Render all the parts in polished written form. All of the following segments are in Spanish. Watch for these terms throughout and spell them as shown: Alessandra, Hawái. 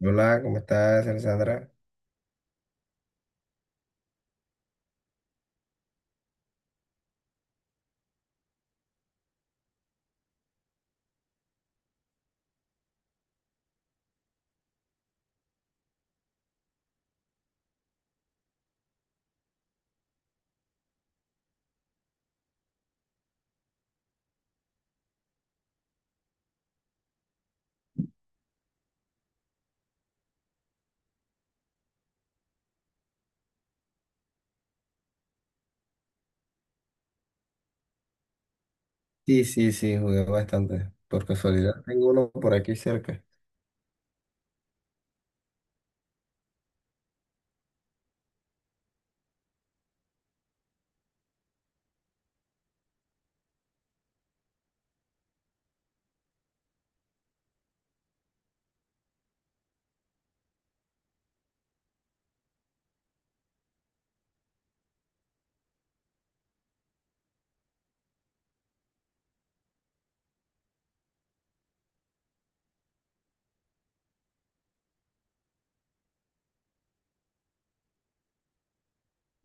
Hola, ¿cómo estás, Alessandra? Sí, sí, sí, jugué bastante. Por casualidad, tengo uno por aquí cerca.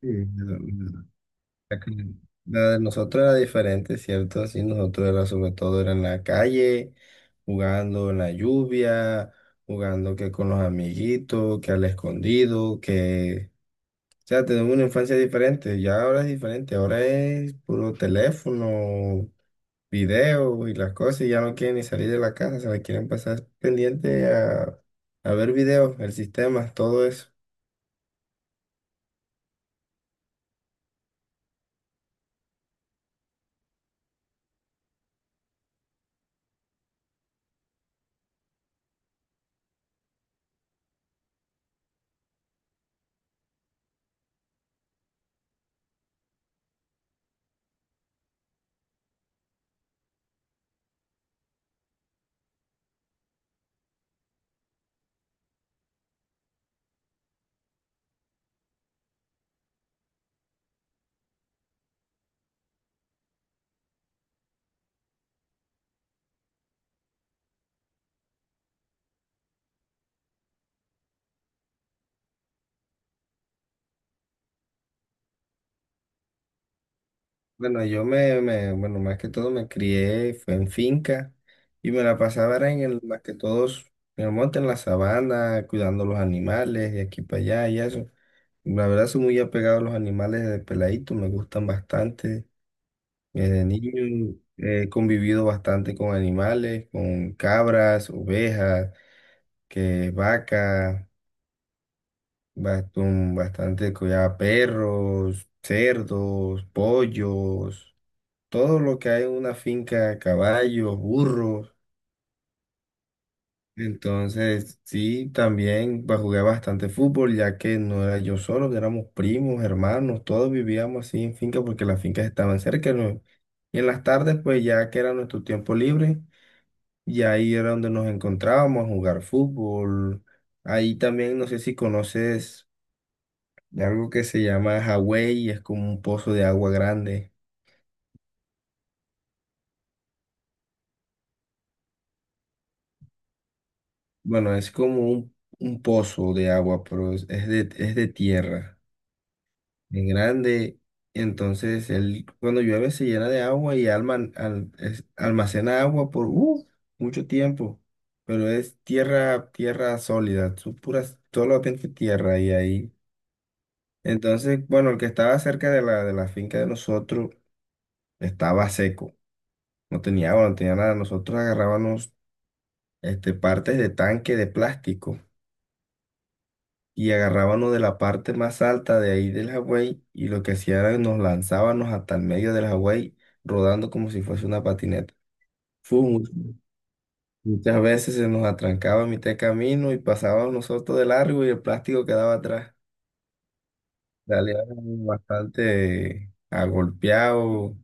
Sí, la, de la que- la de nosotros era diferente, ¿cierto? Sí, nosotros era sobre todo era en la calle, jugando en la lluvia, jugando que con los amiguitos, que al escondido, que... O sea, tenemos una infancia diferente, ya ahora es diferente, ahora es puro teléfono, video y las cosas y ya no quieren ni salir de la casa, se la quieren pasar pendiente a ver videos, el sistema, todo eso. Bueno, bueno, más que todo me crié, fue en finca y me la pasaba era en el, más que todos en el monte, en la sabana, cuidando los animales de aquí para allá y eso. La verdad soy muy apegado a los animales de peladito, me gustan bastante. Desde niño he convivido bastante con animales, con cabras, ovejas que vacas. Bastante cuidado, perros, cerdos, pollos, todo lo que hay en una finca, caballos, burros. Entonces, sí, también jugué bastante fútbol, ya que no era yo solo, que éramos primos, hermanos, todos vivíamos así en finca porque las fincas estaban cerca, ¿no? Y en las tardes, pues ya que era nuestro tiempo libre, y ahí era donde nos encontrábamos a jugar fútbol. Ahí también, no sé si conoces de algo que se llama Hawái y es como un pozo de agua grande. Bueno, es como un pozo de agua, pero es de tierra, es grande. Entonces, él, cuando llueve se llena de agua y almacena agua por mucho tiempo. Pero es tierra, tierra sólida, son puras, solamente tierra y ahí. Entonces, bueno, el que estaba cerca de la finca de nosotros estaba seco, no tenía agua, no tenía nada. Nosotros agarrábamos este, partes de tanque de plástico y agarrábamos de la parte más alta de ahí del Hawái y lo que hacía era nos lanzábamos hasta el medio del Hawái rodando como si fuese una patineta. Fue mu- Muchas veces se nos atrancaba a mitad de camino y pasábamos nosotros de largo y el plástico quedaba atrás. Salíamos bastante agolpeados,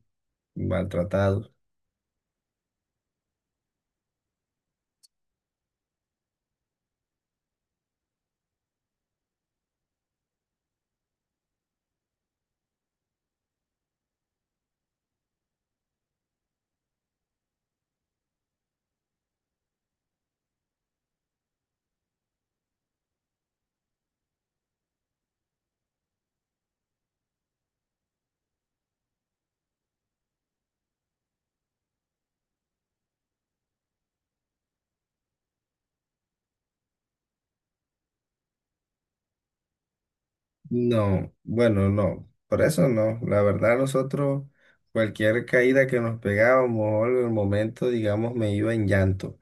maltratados. No, bueno, no, por eso no. La verdad, nosotros, cualquier caída que nos pegábamos o algo, en el momento, digamos, me iba en llanto.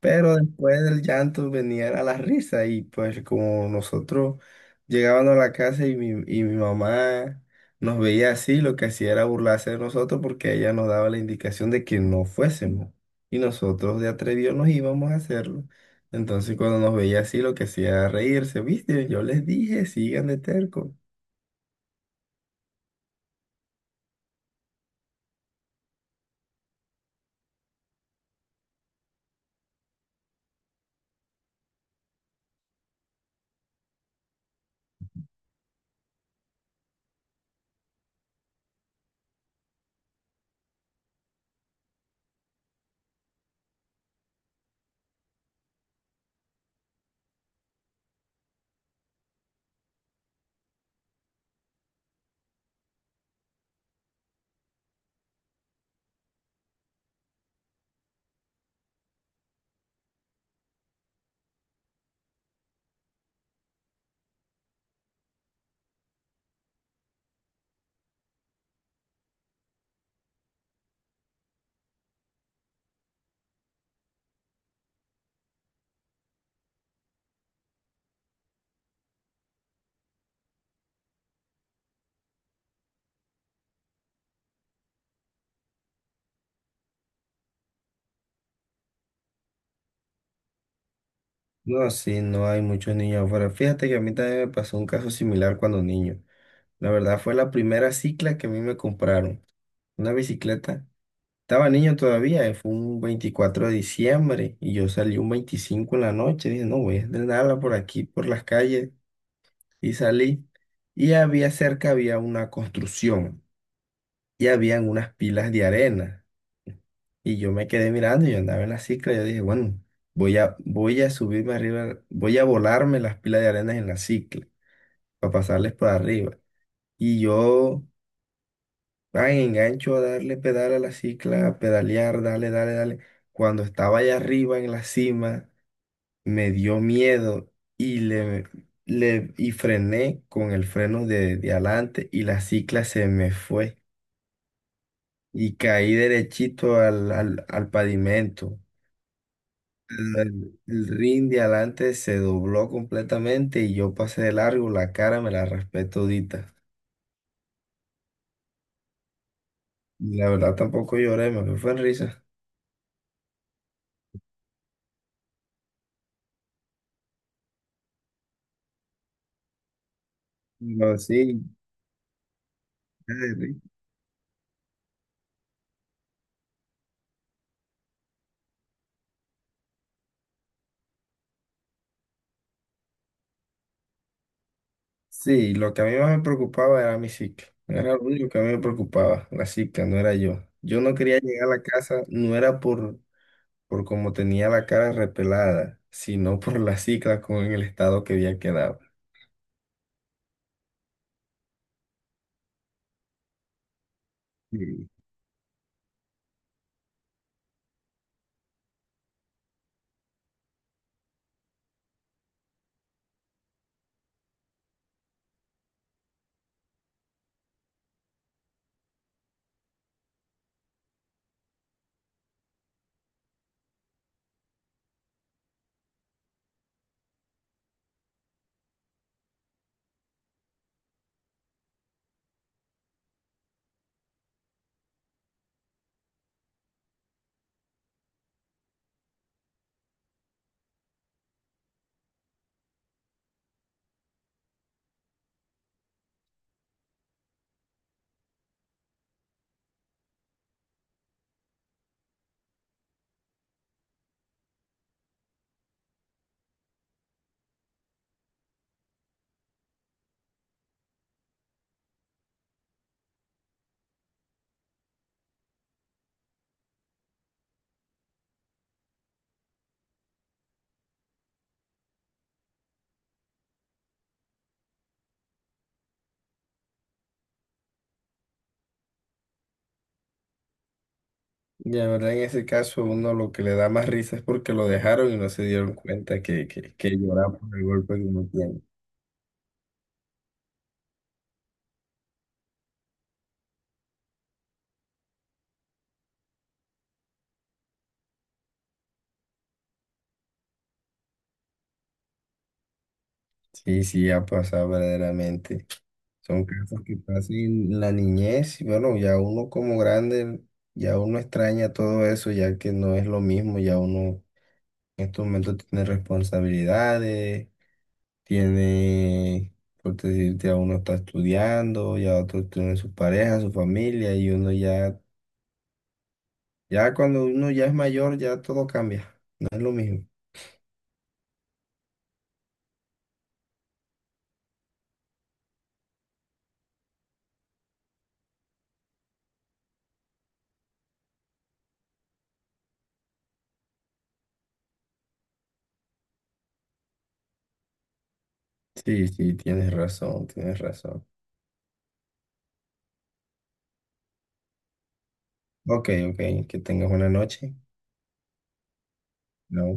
Pero después del llanto venía a la risa y pues como nosotros llegábamos a la casa y mi mamá nos veía así, lo que hacía era burlarse de nosotros porque ella nos daba la indicación de que no fuésemos. Y nosotros de atrevidos nos íbamos a hacerlo. Entonces cuando nos veía así, lo que hacía era reírse, ¿viste? Yo les dije, sigan de terco. No, sí, no hay muchos niños afuera. Fíjate que a mí también me pasó un caso similar cuando niño. La verdad fue la primera cicla que a mí me compraron, una bicicleta. Estaba niño todavía, fue un 24 de diciembre y yo salí un 25 en la noche. Dije, no, voy a estrenarla por aquí, por las calles. Y salí y había cerca, había una construcción y habían unas pilas de arena. Y yo me quedé mirando, yo andaba en la cicla, yo dije, bueno, voy a subirme arriba, voy a volarme las pilas de arena en la cicla para pasarles por arriba. Y yo, ay, engancho a darle pedal a la cicla, a pedalear, dale, dale, dale. Cuando estaba allá arriba en la cima, me dio miedo y le y frené con el freno de adelante y la cicla se me fue. Y caí derechito al pavimento. El rin de adelante se dobló completamente y yo pasé de largo, la cara me la raspé todita. Y la verdad tampoco lloré, me fue en risa. Pero sí, eh, sí, lo que a mí más me preocupaba era mi cicla. Era lo único que a mí me preocupaba, la cicla, no era yo. Yo no quería llegar a la casa, no era por cómo tenía la cara repelada, sino por la cicla con el estado que había quedado. Sí. Y la verdad, en ese caso, uno lo que le da más risa es porque lo dejaron y no se dieron cuenta que lloraba por el golpe que uno tiene. Sí, sí, ha pasado verdaderamente. Son casos que pasan en la niñez y bueno, ya uno como grande, ya uno extraña todo eso, ya que no es lo mismo, ya uno en estos momentos tiene responsabilidades, tiene, por decirte, a uno está estudiando, ya otro tiene su pareja, su familia y uno ya. Ya cuando uno ya es mayor, ya todo cambia. No es lo mismo. Sí, sí, tienes razón, tienes razón. Ok, ok, que tengas buena noche. Chao.